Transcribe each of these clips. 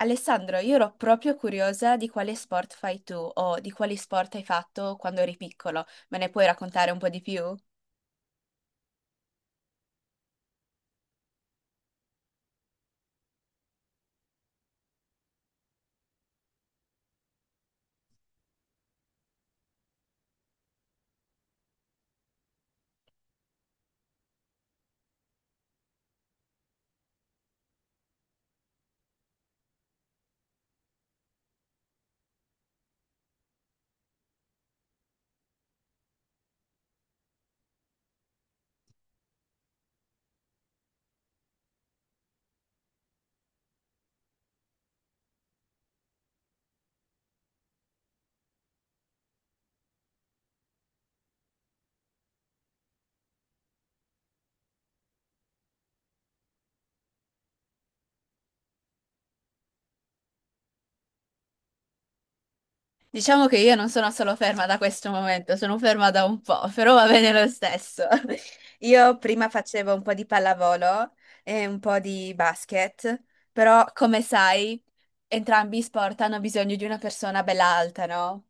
Alessandro, io ero proprio curiosa di quale sport fai tu o di quali sport hai fatto quando eri piccolo. Me ne puoi raccontare un po' di più? Diciamo che io non sono solo ferma da questo momento, sono ferma da un po', però va bene lo stesso. Io prima facevo un po' di pallavolo e un po' di basket, però come sai, entrambi i sport hanno bisogno di una persona bella alta, no?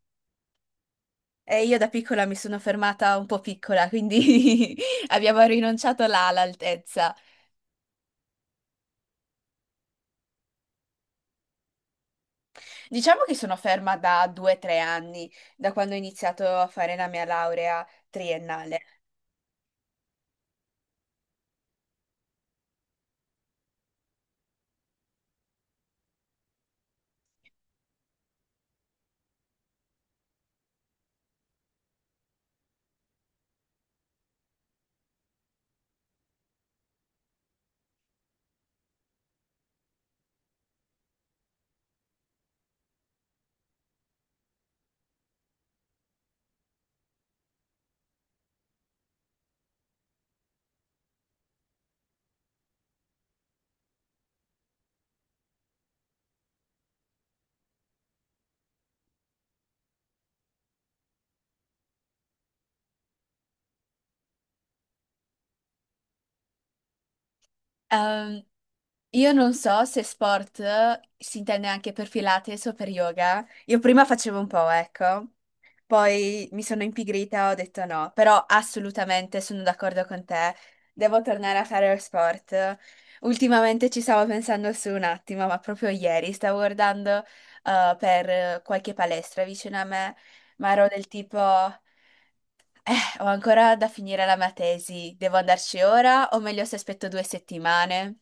E io da piccola mi sono fermata un po' piccola, quindi abbiamo rinunciato là all'altezza. Diciamo che sono ferma da due o tre anni, da quando ho iniziato a fare la mia laurea triennale. Ehm, io non so se sport si intende anche per Pilates o per yoga. Io prima facevo un po', ecco, poi mi sono impigrita, ho detto no, però assolutamente sono d'accordo con te, devo tornare a fare lo sport. Ultimamente ci stavo pensando su un attimo, ma proprio ieri stavo guardando per qualche palestra vicino a me, ma ero del tipo... Ho ancora da finire la mia tesi. Devo andarci ora o meglio se aspetto due settimane?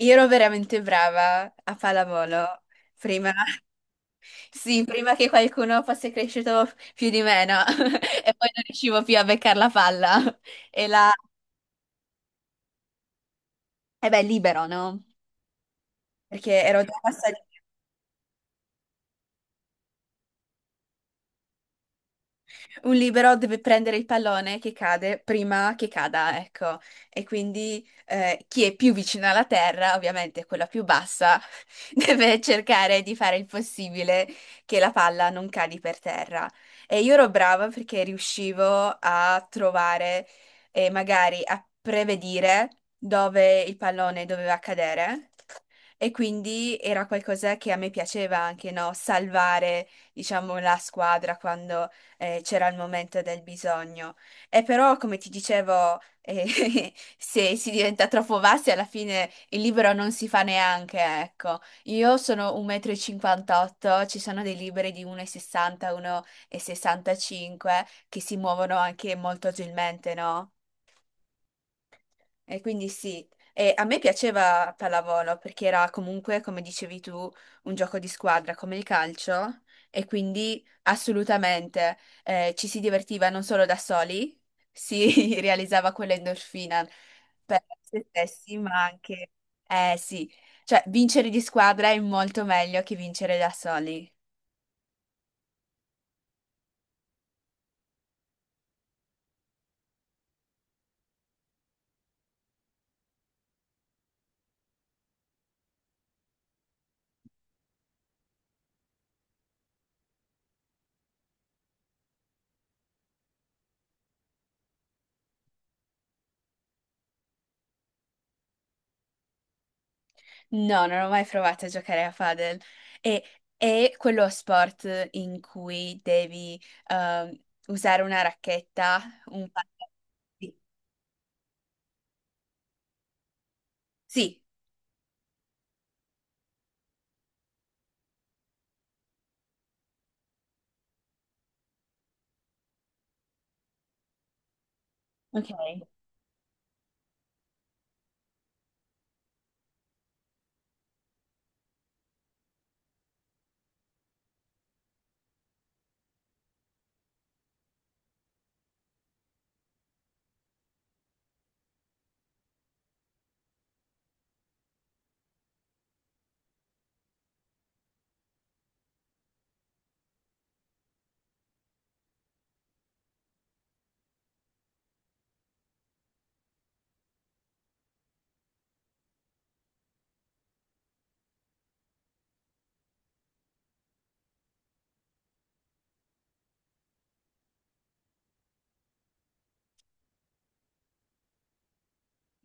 Io ero veramente brava a pallavolo prima. Sì, prima che qualcuno fosse cresciuto più di me, no? E poi non riuscivo più a beccare la palla. E la... E beh, libero, no? Perché ero già passata. Un libero deve prendere il pallone che cade prima che cada, ecco. E quindi chi è più vicino alla terra, ovviamente quella più bassa, deve cercare di fare il possibile che la palla non cadi per terra. E io ero brava perché riuscivo a trovare e magari a prevedere dove il pallone doveva cadere. E quindi era qualcosa che a me piaceva anche, no? Salvare, diciamo, la squadra quando c'era il momento del bisogno. E però, come ti dicevo, se si diventa troppo bassi, alla fine il libro non si fa neanche, ecco. Io sono 1,58 m, ci sono dei libri di 1,60 m, 1,65 m che si muovono anche molto agilmente, no? E quindi sì, e a me piaceva pallavolo perché era comunque, come dicevi tu, un gioco di squadra come il calcio e quindi assolutamente ci si divertiva non solo da soli, si realizzava quell'endorfina per se stessi, ma anche, eh sì, cioè vincere di squadra è molto meglio che vincere da soli. No, non ho mai provato a giocare a padel. E è quello sport in cui devi ehm, usare una racchetta, un pallone. Sì, sì, ok.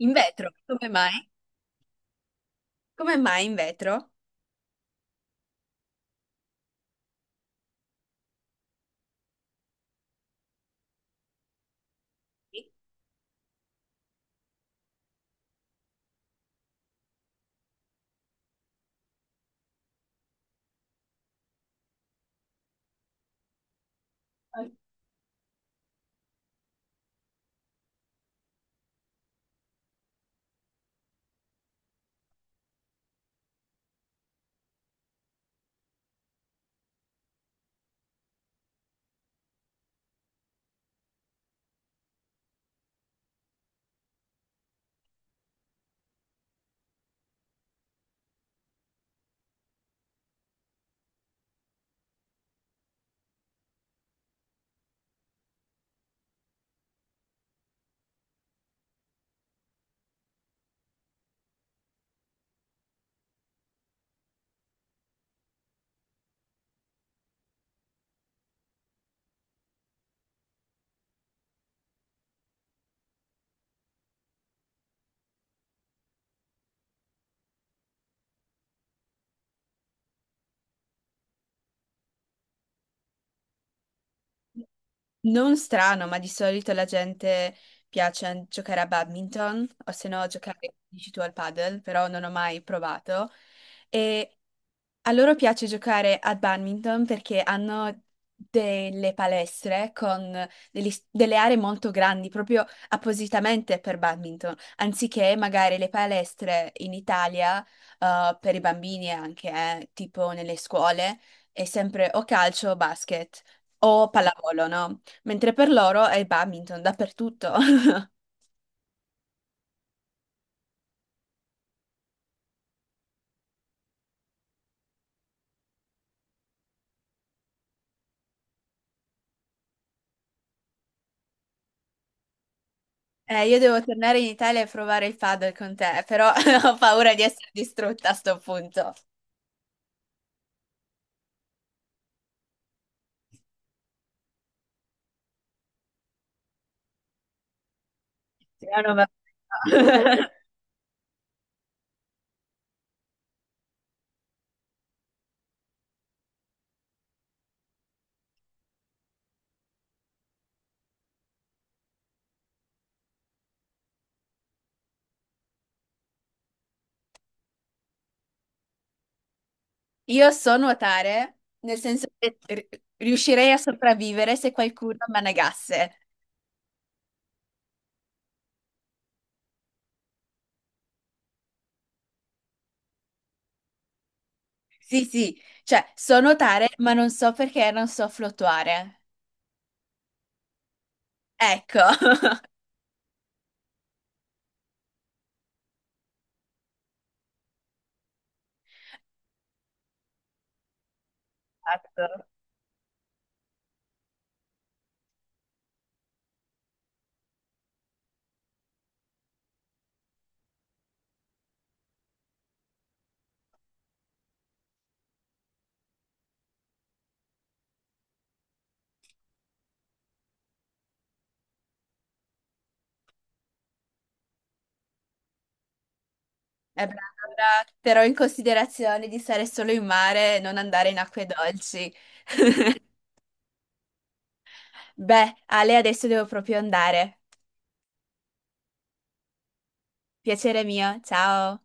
In vetro, come mai? Come mai in vetro? Sì. Non strano, ma di solito la gente piace giocare a badminton o se no giocare, dici tu, al padel, però non ho mai provato. E a loro piace giocare a badminton perché hanno delle palestre con delle aree molto grandi, proprio appositamente per badminton, anziché magari le palestre in Italia, per i bambini anche, tipo nelle scuole, è sempre o calcio o basket o pallavolo, no? Mentre per loro è badminton dappertutto. Io devo tornare in Italia e provare il padel con te, però ho paura di essere distrutta a sto punto. Sì, ah, no, vabbè. Io so nuotare, nel senso che riuscirei a sopravvivere se qualcuno mi annagasse. Sì, sì, cioè so nuotare, ma non so perché non so fluttuare. Ecco. Esatto. Eh beh, allora terrò in considerazione di stare solo in mare e non andare in acque dolci. Beh, Ale, adesso devo proprio andare. Piacere mio, ciao.